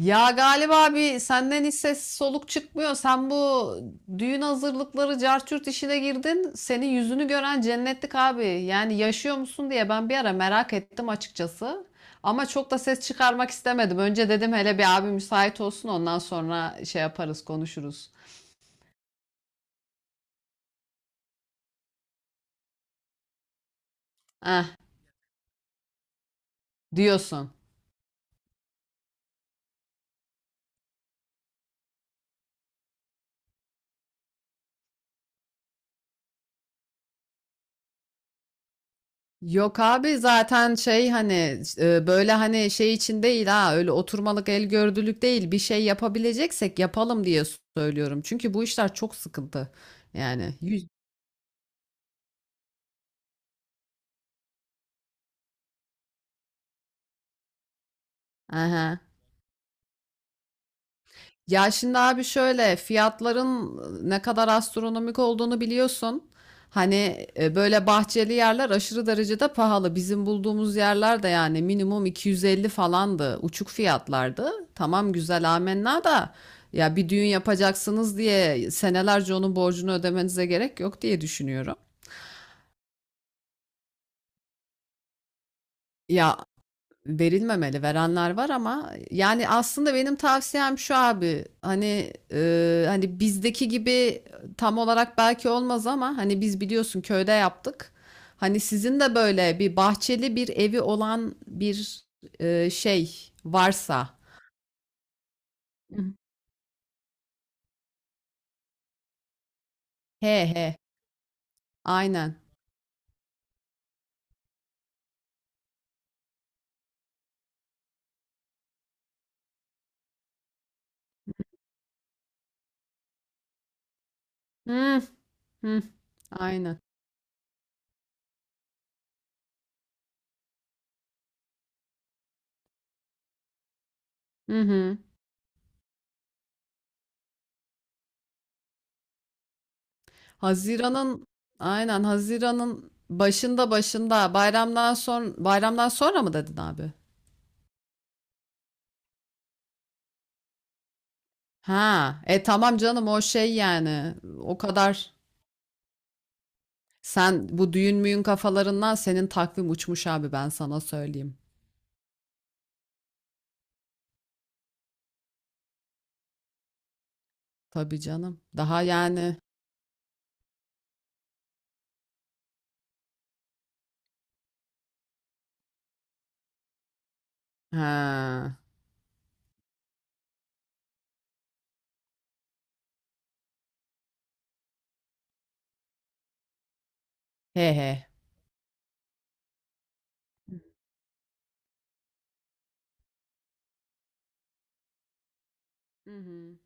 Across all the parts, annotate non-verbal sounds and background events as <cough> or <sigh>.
Ya galiba abi senden hiç ses soluk çıkmıyor. Sen bu düğün hazırlıkları carçurt işine girdin. Senin yüzünü gören cennetlik abi. Yani yaşıyor musun diye ben bir ara merak ettim açıkçası. Ama çok da ses çıkarmak istemedim. Önce dedim hele bir abi müsait olsun ondan sonra şey yaparız konuşuruz. Eh diyorsun. Yok abi zaten şey hani böyle hani şey için değil ha öyle oturmalık el gördülük değil bir şey yapabileceksek yapalım diye söylüyorum. Çünkü bu işler çok sıkıntı yani. Yüz... Aha. Ya şimdi abi şöyle fiyatların ne kadar astronomik olduğunu biliyorsun. Hani böyle bahçeli yerler aşırı derecede pahalı. Bizim bulduğumuz yerler de yani minimum 250 falandı. Uçuk fiyatlardı. Tamam güzel amenna da ya bir düğün yapacaksınız diye senelerce onun borcunu ödemenize gerek yok diye düşünüyorum. Ya verilmemeli. Verenler var ama yani aslında benim tavsiyem şu abi. Hani hani bizdeki gibi tam olarak belki olmaz ama hani biz biliyorsun köyde yaptık. Hani sizin de böyle bir bahçeli bir evi olan bir şey varsa. Hı. He he. Aynen. Hı hı. Aynen. Hı hı. Haziran'ın, aynen, Haziran'ın başında, bayramdan sonra mı dedin abi? Ha, tamam canım o şey yani o kadar, sen bu düğün müyün kafalarından senin takvim uçmuş abi, ben sana söyleyeyim. Tabii canım. Daha yani ha he he. Hı hı.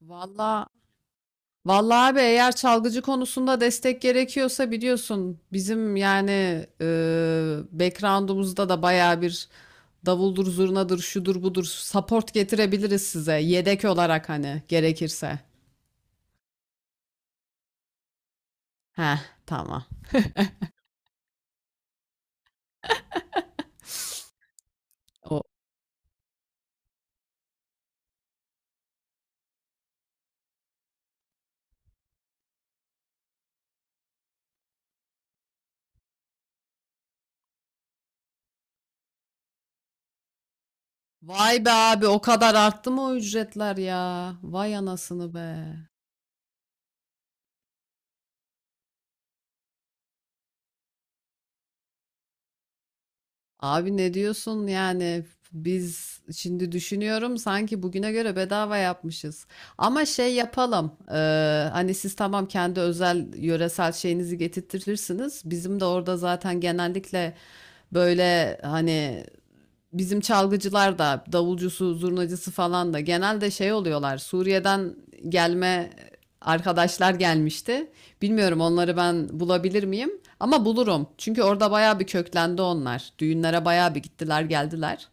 Valla vallahi abi eğer çalgıcı konusunda destek gerekiyorsa biliyorsun bizim yani e, background'umuzda da bayağı bir davuldur zurnadır şudur budur support getirebiliriz size yedek olarak hani gerekirse. Heh, tamam. Vay be abi o kadar arttı mı o ücretler ya? Vay anasını be. Abi ne diyorsun yani? Biz şimdi düşünüyorum sanki bugüne göre bedava yapmışız. Ama şey yapalım. Hani siz tamam kendi özel yöresel şeyinizi getirtirsiniz. Bizim de orada zaten genellikle böyle hani bizim çalgıcılar da davulcusu, zurnacısı falan da genelde şey oluyorlar. Suriye'den gelme arkadaşlar gelmişti. Bilmiyorum onları ben bulabilir miyim? Ama bulurum. Çünkü orada bayağı bir köklendi onlar. Düğünlere bayağı bir gittiler, geldiler.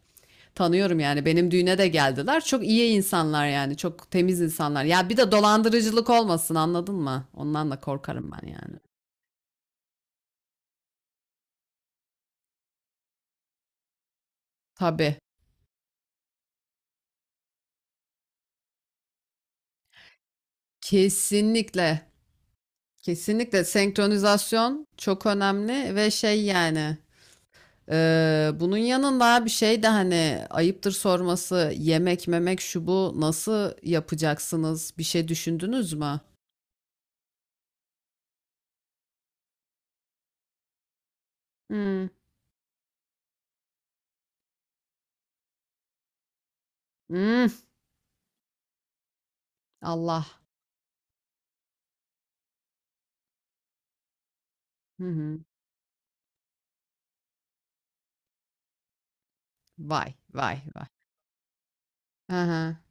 Tanıyorum yani, benim düğüne de geldiler. Çok iyi insanlar yani. Çok temiz insanlar. Ya bir de dolandırıcılık olmasın, anladın mı? Ondan da korkarım ben yani. Tabii. Kesinlikle. Kesinlikle senkronizasyon çok önemli ve şey yani, bunun yanında bir şey de hani, ayıptır sorması, yemek memek şu bu nasıl yapacaksınız, bir şey düşündünüz mü? Hmm. Hmm. Allah. Hı hı. Vay vay vay. Aha.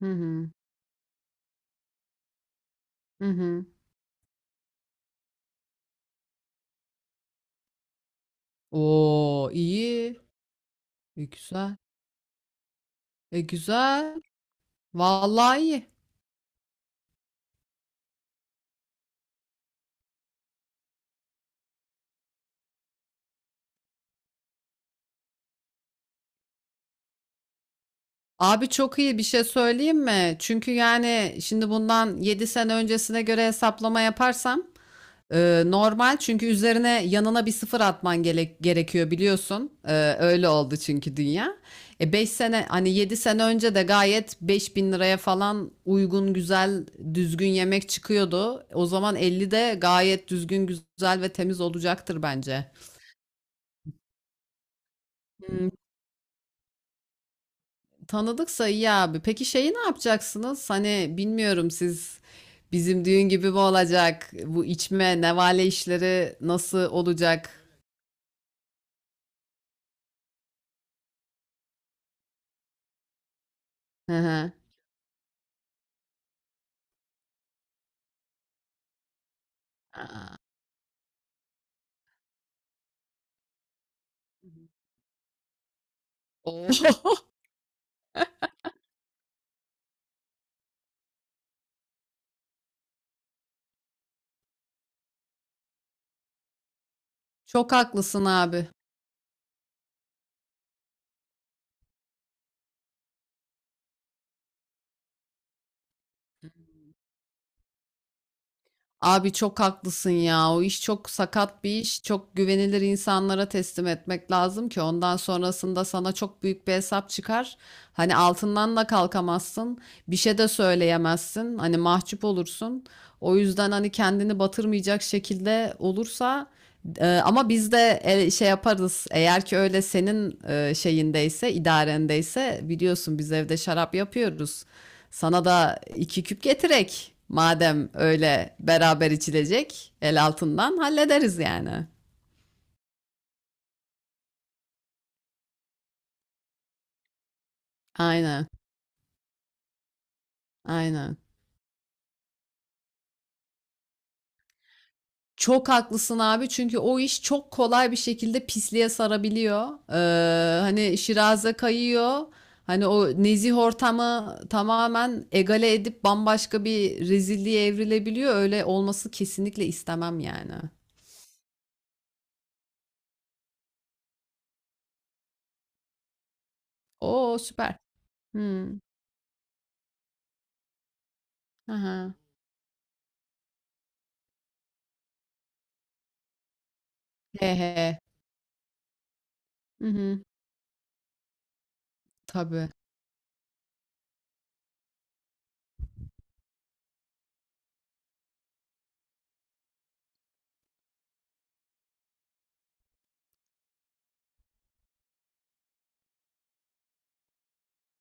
Hı hı. Hı hı. Oo, iyi. E, güzel. E güzel. Vallahi iyi. Abi çok iyi bir şey söyleyeyim mi? Çünkü yani şimdi bundan 7 sene öncesine göre hesaplama yaparsam, normal, çünkü üzerine yanına bir sıfır atman gerekiyor biliyorsun. E, öyle oldu çünkü dünya. E, 5 sene, hani 7 sene önce de gayet 5.000 liraya falan uygun güzel düzgün yemek çıkıyordu. O zaman 50 de gayet düzgün, güzel ve temiz olacaktır bence. Tanıdıksa iyi abi. Peki şeyi ne yapacaksınız? Hani bilmiyorum, siz bizim düğün gibi mi olacak? Bu içme, nevale işleri nasıl olacak? Hı hı. Oo. <laughs> Çok haklısın abi. Abi çok haklısın ya. O iş çok sakat bir iş. Çok güvenilir insanlara teslim etmek lazım ki ondan sonrasında sana çok büyük bir hesap çıkar. Hani altından da kalkamazsın. Bir şey de söyleyemezsin. Hani mahcup olursun. O yüzden hani kendini batırmayacak şekilde olursa ama biz de şey yaparız. Eğer ki öyle senin şeyindeyse, idarendeyse, biliyorsun biz evde şarap yapıyoruz. Sana da iki küp getirek. Madem öyle beraber içilecek, el altından hallederiz yani. Aynen, aynen. Çok haklısın abi, çünkü o iş çok kolay bir şekilde pisliğe sarabiliyor. Hani şiraze kayıyor. Hani o nezih ortamı tamamen egale edip bambaşka bir rezilliğe evrilebiliyor. Öyle olması kesinlikle istemem yani. Oo, süper. Hmm. Aha. He he. Hı hı. Tabii.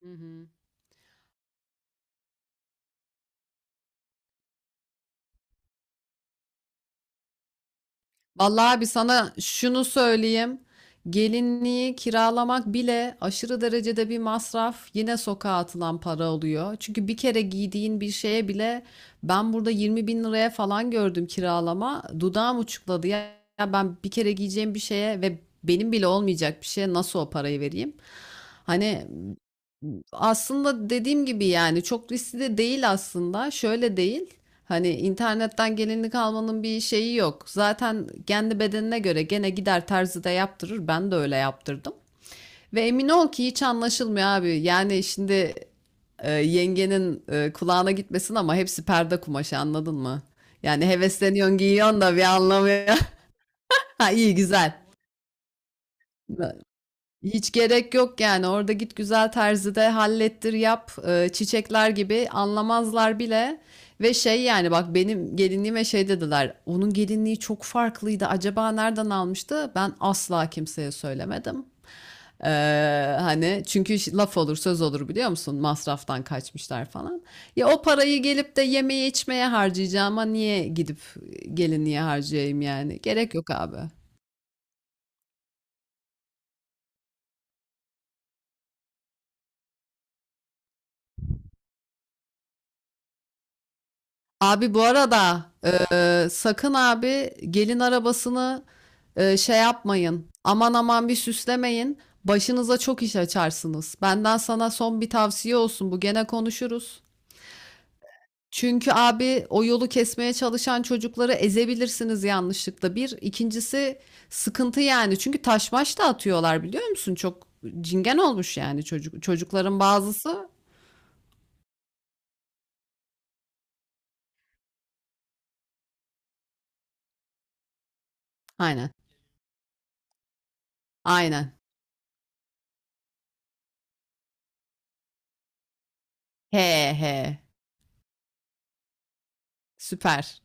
Hı hı. Vallahi abi sana şunu söyleyeyim. Gelinliği kiralamak bile aşırı derecede bir masraf. Yine sokağa atılan para oluyor. Çünkü bir kere giydiğin bir şeye bile ben burada 20 bin liraya falan gördüm kiralama. Dudağım uçukladı. Ya, ben bir kere giyeceğim bir şeye ve benim bile olmayacak bir şeye nasıl o parayı vereyim? Hani aslında dediğim gibi yani çok riskli de değil aslında. Şöyle değil. Hani internetten gelinlik almanın bir şeyi yok. Zaten kendi bedenine göre gene gider terzide yaptırır. Ben de öyle yaptırdım. Ve emin ol ki hiç anlaşılmıyor abi. Yani şimdi yengenin kulağına gitmesin ama hepsi perde kumaşı, anladın mı? Yani hevesleniyorsun giyiyorsun da bir anlamıyor. <laughs> Ha, iyi güzel. Hiç gerek yok yani, orada git güzel terzide hallettir yap. Çiçekler gibi, anlamazlar bile ve şey yani, bak benim gelinliğime şey dediler, onun gelinliği çok farklıydı acaba nereden almıştı, ben asla kimseye söylemedim. Ee, Hani çünkü laf olur söz olur biliyor musun, masraftan kaçmışlar falan. Ya o parayı gelip de yemeye içmeye harcayacağıma niye gidip gelinliğe harcayayım, yani gerek yok abi. Abi bu arada sakın abi gelin arabasını şey yapmayın. Aman aman bir süslemeyin. Başınıza çok iş açarsınız. Benden sana son bir tavsiye olsun. Bu gene konuşuruz. Çünkü abi o yolu kesmeye çalışan çocukları ezebilirsiniz yanlışlıkla. Bir, ikincisi sıkıntı yani. Çünkü taş maş da atıyorlar, biliyor musun? Çok cingen olmuş yani çocukların bazısı. Aynen. Aynen. He he. Süper.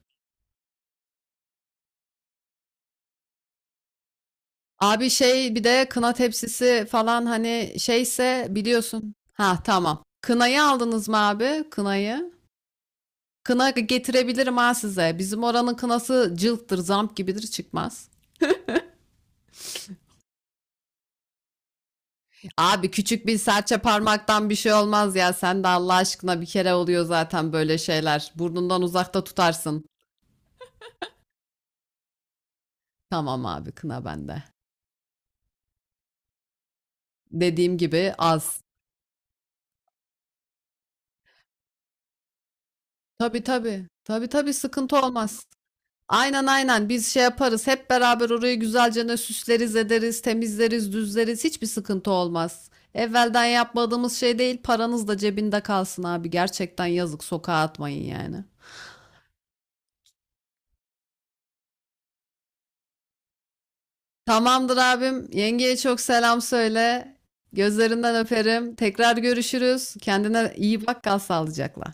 Abi şey, bir de kına tepsisi falan hani, şeyse biliyorsun. Ha tamam. Kınayı aldınız mı abi? Kınayı. Kına getirebilirim ha size. Bizim oranın kınası cılttır, zamp gibidir, çıkmaz. Abi küçük bir serçe parmaktan bir şey olmaz ya. Sen de Allah aşkına, bir kere oluyor zaten böyle şeyler. Burnundan uzakta tutarsın. Tamam abi, kına bende. Dediğim gibi az. Tabii tabii. Tabii tabii, sıkıntı olmaz. Aynen aynen, biz şey yaparız, hep beraber orayı güzelce ne süsleriz ederiz, temizleriz düzleriz, hiçbir sıkıntı olmaz. Evvelden yapmadığımız şey değil. Paranız da cebinde kalsın abi, gerçekten yazık, sokağa atmayın yani. Tamamdır abim, yengeye çok selam söyle, gözlerinden öperim, tekrar görüşürüz, kendine iyi bak, kal sağlıcakla.